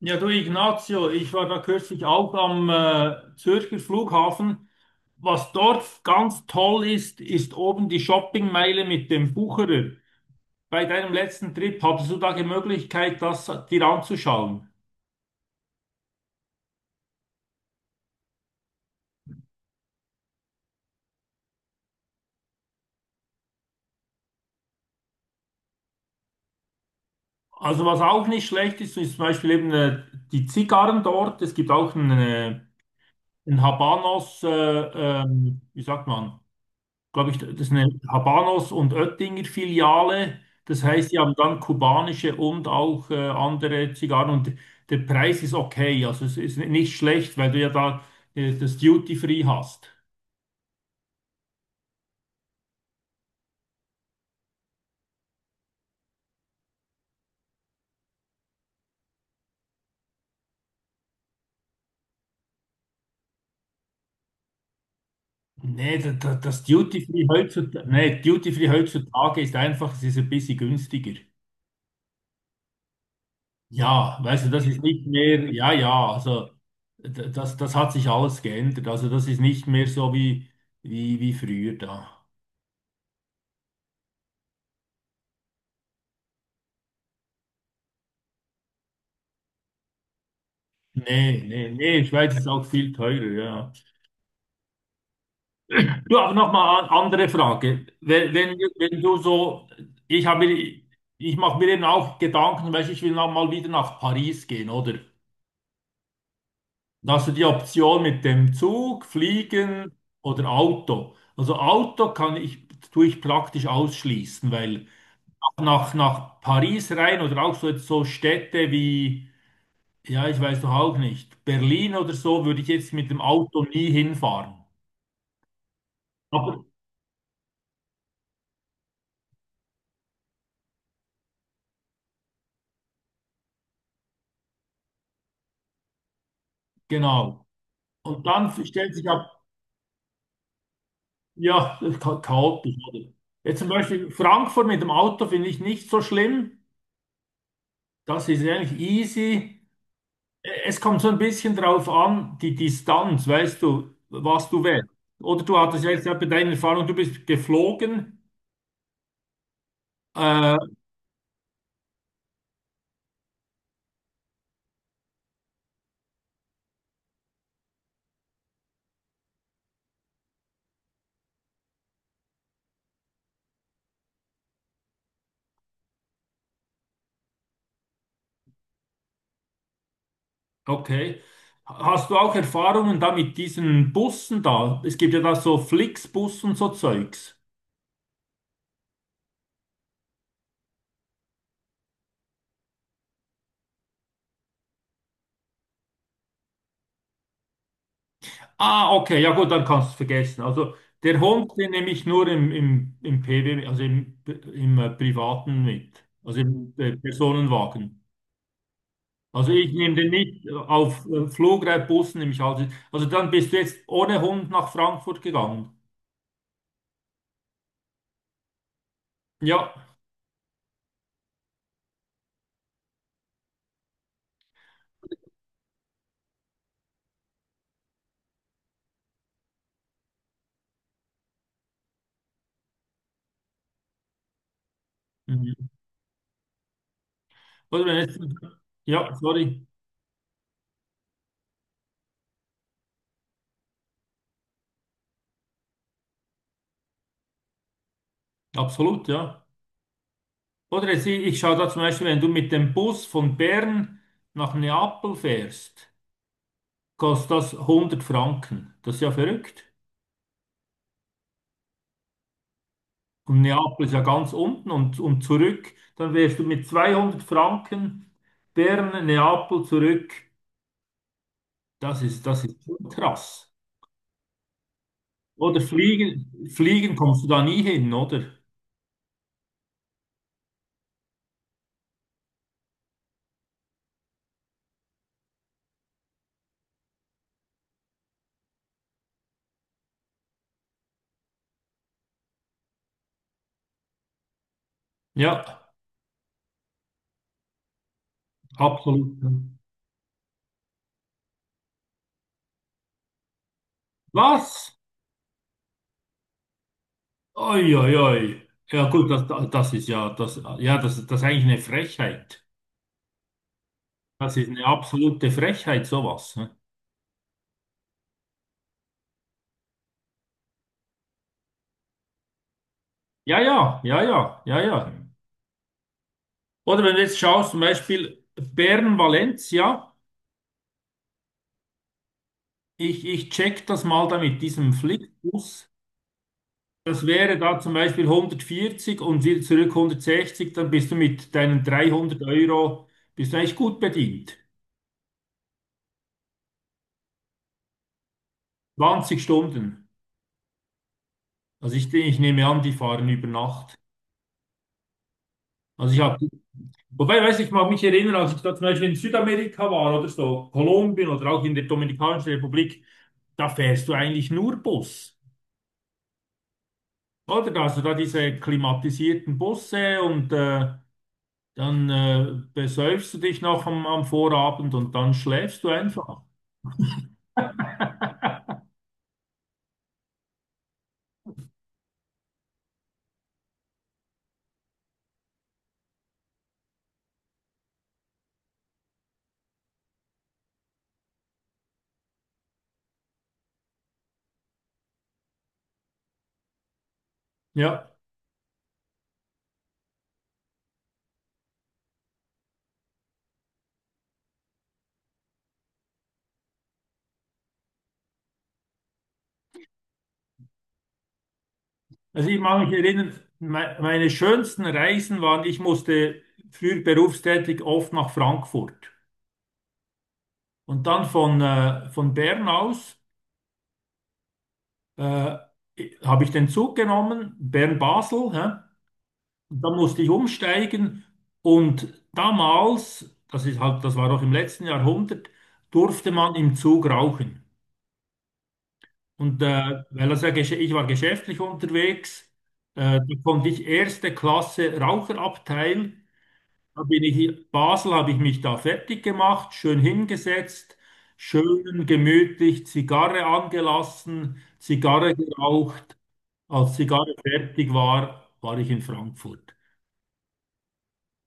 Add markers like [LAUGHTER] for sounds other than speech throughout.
Ja, du Ignazio, ich war da kürzlich auch am Zürcher Flughafen. Was dort ganz toll ist, ist oben die Shoppingmeile mit dem Bucherer. Bei deinem letzten Trip hattest du da die Möglichkeit, das dir anzuschauen. Also was auch nicht schlecht ist, ist zum Beispiel eben die Zigarren dort. Es gibt auch einen Habanos, wie sagt man? Glaube ich, das ist eine Habanos und Oettinger Filiale. Das heißt, die haben dann kubanische und auch andere Zigarren und der Preis ist okay. Also es ist nicht schlecht, weil du ja da das Duty Free hast. Nee, das Duty Free heutzutage, nee, Duty Free heutzutage ist einfach, es ist ein bisschen günstiger. Ja, weißt du, das ist nicht mehr, ja, ja, also das hat sich alles geändert. Also das ist nicht mehr so wie, wie früher da. Nee, nee, nee, in Schweiz ist auch viel teurer, ja. Du, aber nochmal eine andere Frage. Wenn du so, ich habe, mir- ich mache mir eben auch Gedanken, weißt du, ich will noch mal wieder nach Paris gehen, oder? Da hast du die Option mit dem Zug, Fliegen oder Auto. Also Auto kann ich, tue ich praktisch ausschließen, weil nach Paris rein oder auch so, jetzt so Städte wie, ja, ich weiß doch auch nicht, Berlin oder so, würde ich jetzt mit dem Auto nie hinfahren. Aber genau. Und dann stellt sich ab, ja, [LAUGHS] das ist chaotisch, oder? Jetzt zum Beispiel Frankfurt mit dem Auto finde ich nicht so schlimm. Das ist eigentlich easy. Es kommt so ein bisschen drauf an, die Distanz, weißt du, was du wählst. Oder du hattest ja jetzt ja bei deiner Erfahrung, du bist geflogen. Äh, okay. Hast du auch Erfahrungen da mit diesen Bussen da? Es gibt ja da so Flixbus und so Zeugs. Ah, okay, ja gut, dann kannst du es vergessen. Also der Hund, den nehme ich nur im PW, also im Privaten mit, also im Personenwagen. Also ich nehme den nicht auf Flugreitbussen, nehme ich alles. Also dann bist du jetzt ohne Hund nach Frankfurt gegangen. Ja. Mhm. Oder wenn jetzt, ja, sorry, absolut, ja. Oder jetzt, ich schaue da zum Beispiel, wenn du mit dem Bus von Bern nach Neapel fährst, kostet das 100 Franken. Das ist ja verrückt. Und Neapel ist ja ganz unten und zurück. Dann wärst du mit 200 Franken Bern, Neapel zurück. Das ist schon krass. Oder fliegen, fliegen kommst du da nie hin, oder? Ja, absolut. Was? Oi, oi, oi. Ja gut, das ist eigentlich eine Frechheit. Das ist eine absolute Frechheit, sowas, ne? Ja, ja, ja, ja, ja, ja. Oder wenn du jetzt schaust, zum Beispiel Bern-Valencia. Ich check das mal da mit diesem Flixbus. Das wäre da zum Beispiel 140 und wieder zurück 160, dann bist du mit deinen 300 Euro, bist du eigentlich gut bedient. 20 Stunden. Also ich nehme an, die fahren über Nacht. Also ich habe, wobei, weiß ich mag mich erinnern, als ich da zum Beispiel in Südamerika war oder so, Kolumbien oder auch in der Dominikanischen Republik, da fährst du eigentlich nur Bus. Oder? Da hast du da diese klimatisierten Busse und dann besäufst du dich noch am Vorabend und dann schläfst du einfach. Ja, also ich mag mich erinnern, me meine schönsten Reisen waren, ich musste früher berufstätig oft nach Frankfurt. Und dann von Bern aus äh, habe ich den Zug genommen, Bern-Basel, hä? Und dann musste ich umsteigen. Und damals, das ist halt, das war doch im letzten Jahrhundert, durfte man im Zug rauchen. Und weil er sehr ich war geschäftlich unterwegs, da konnte ich erste Klasse Raucherabteil. Da bin ich in Basel, habe ich mich da fertig gemacht, schön hingesetzt, schön gemütlich Zigarre angelassen, Zigarre geraucht. Als Zigarre fertig war, war ich in Frankfurt.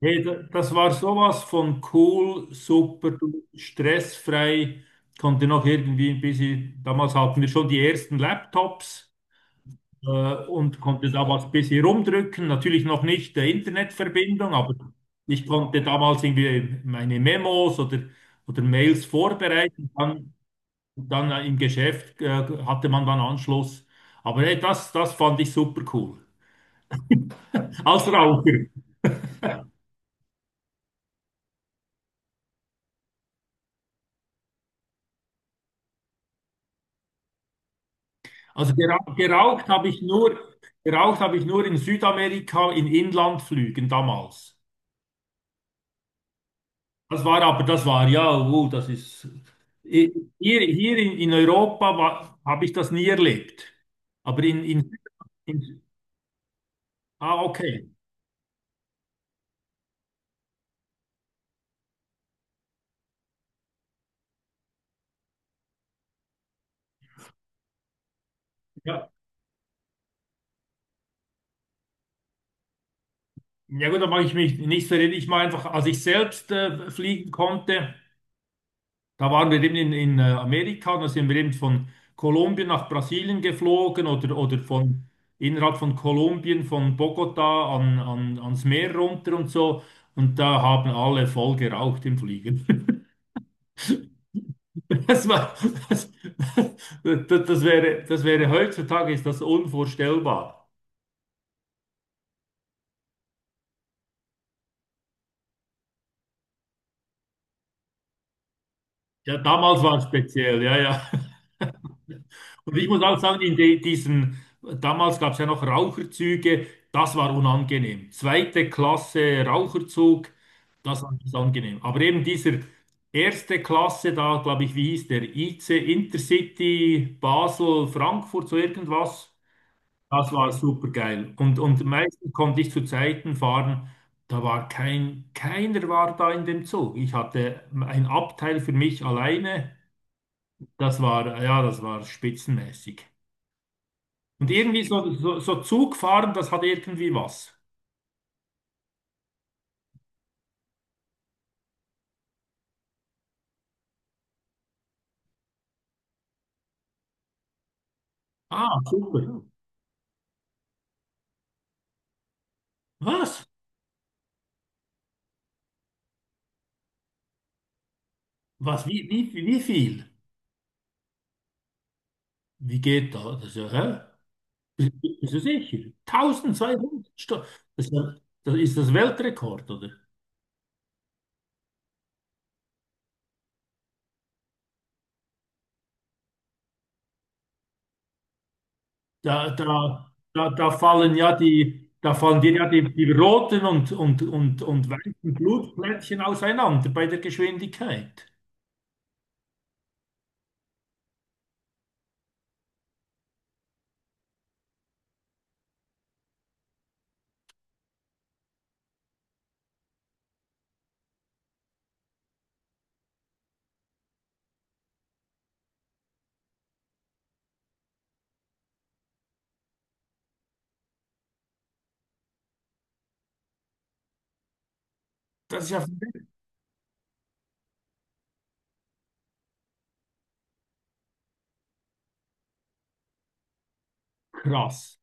Hey, das war sowas von cool, super, stressfrei. Konnte noch irgendwie ein bisschen, damals hatten wir schon die ersten Laptops. äh, und konnte da was ein bisschen rumdrücken. Natürlich noch nicht der Internetverbindung, aber ich konnte damals irgendwie meine Memos oder Mails vorbereiten. Dann im Geschäft hatte man dann Anschluss. Aber hey, das fand ich super cool. Als Raucher. [LAUGHS] Also geraucht habe ich nur, geraucht habe ich nur in Südamerika in Inlandflügen damals. Das war aber, das war ja, das ist hier, hier in Europa habe ich das nie erlebt. Aber in ah, okay. Ja, ja gut, da mache ich mich nicht verrückt. Ich mache einfach, als ich selbst fliegen konnte, da waren wir eben in Amerika, und da sind wir eben von Kolumbien nach Brasilien geflogen oder von innerhalb von Kolumbien, von Bogota an ans Meer runter und so. Und da haben alle voll geraucht im Fliegen. [LAUGHS] Das war, das, das, das wäre heutzutage ist das unvorstellbar. Ja, damals war es speziell, ja, ja. Und ich muss auch sagen, diesen, damals gab es ja noch Raucherzüge, das war unangenehm. Zweite Klasse Raucherzug, das war nicht angenehm. Aber eben dieser erste Klasse da, glaube ich, wie hieß der? IC Intercity Basel Frankfurt, so irgendwas. Das war super geil. Und meistens konnte ich zu Zeiten fahren, da war kein, keiner war da in dem Zug. Ich hatte ein Abteil für mich alleine. Das war, ja, das war spitzenmäßig. Und irgendwie so Zugfahren, das hat irgendwie was. Ah, super. Was? Was? Wie viel? Wie geht da? Das ist ja, hä? Bist du sicher? 1200 Stunden. Das ist ja- das ist das Weltrekord, oder? Da, da, da fallen dir ja die roten und weißen Blutplättchen auseinander bei der Geschwindigkeit. Das ist ja krass.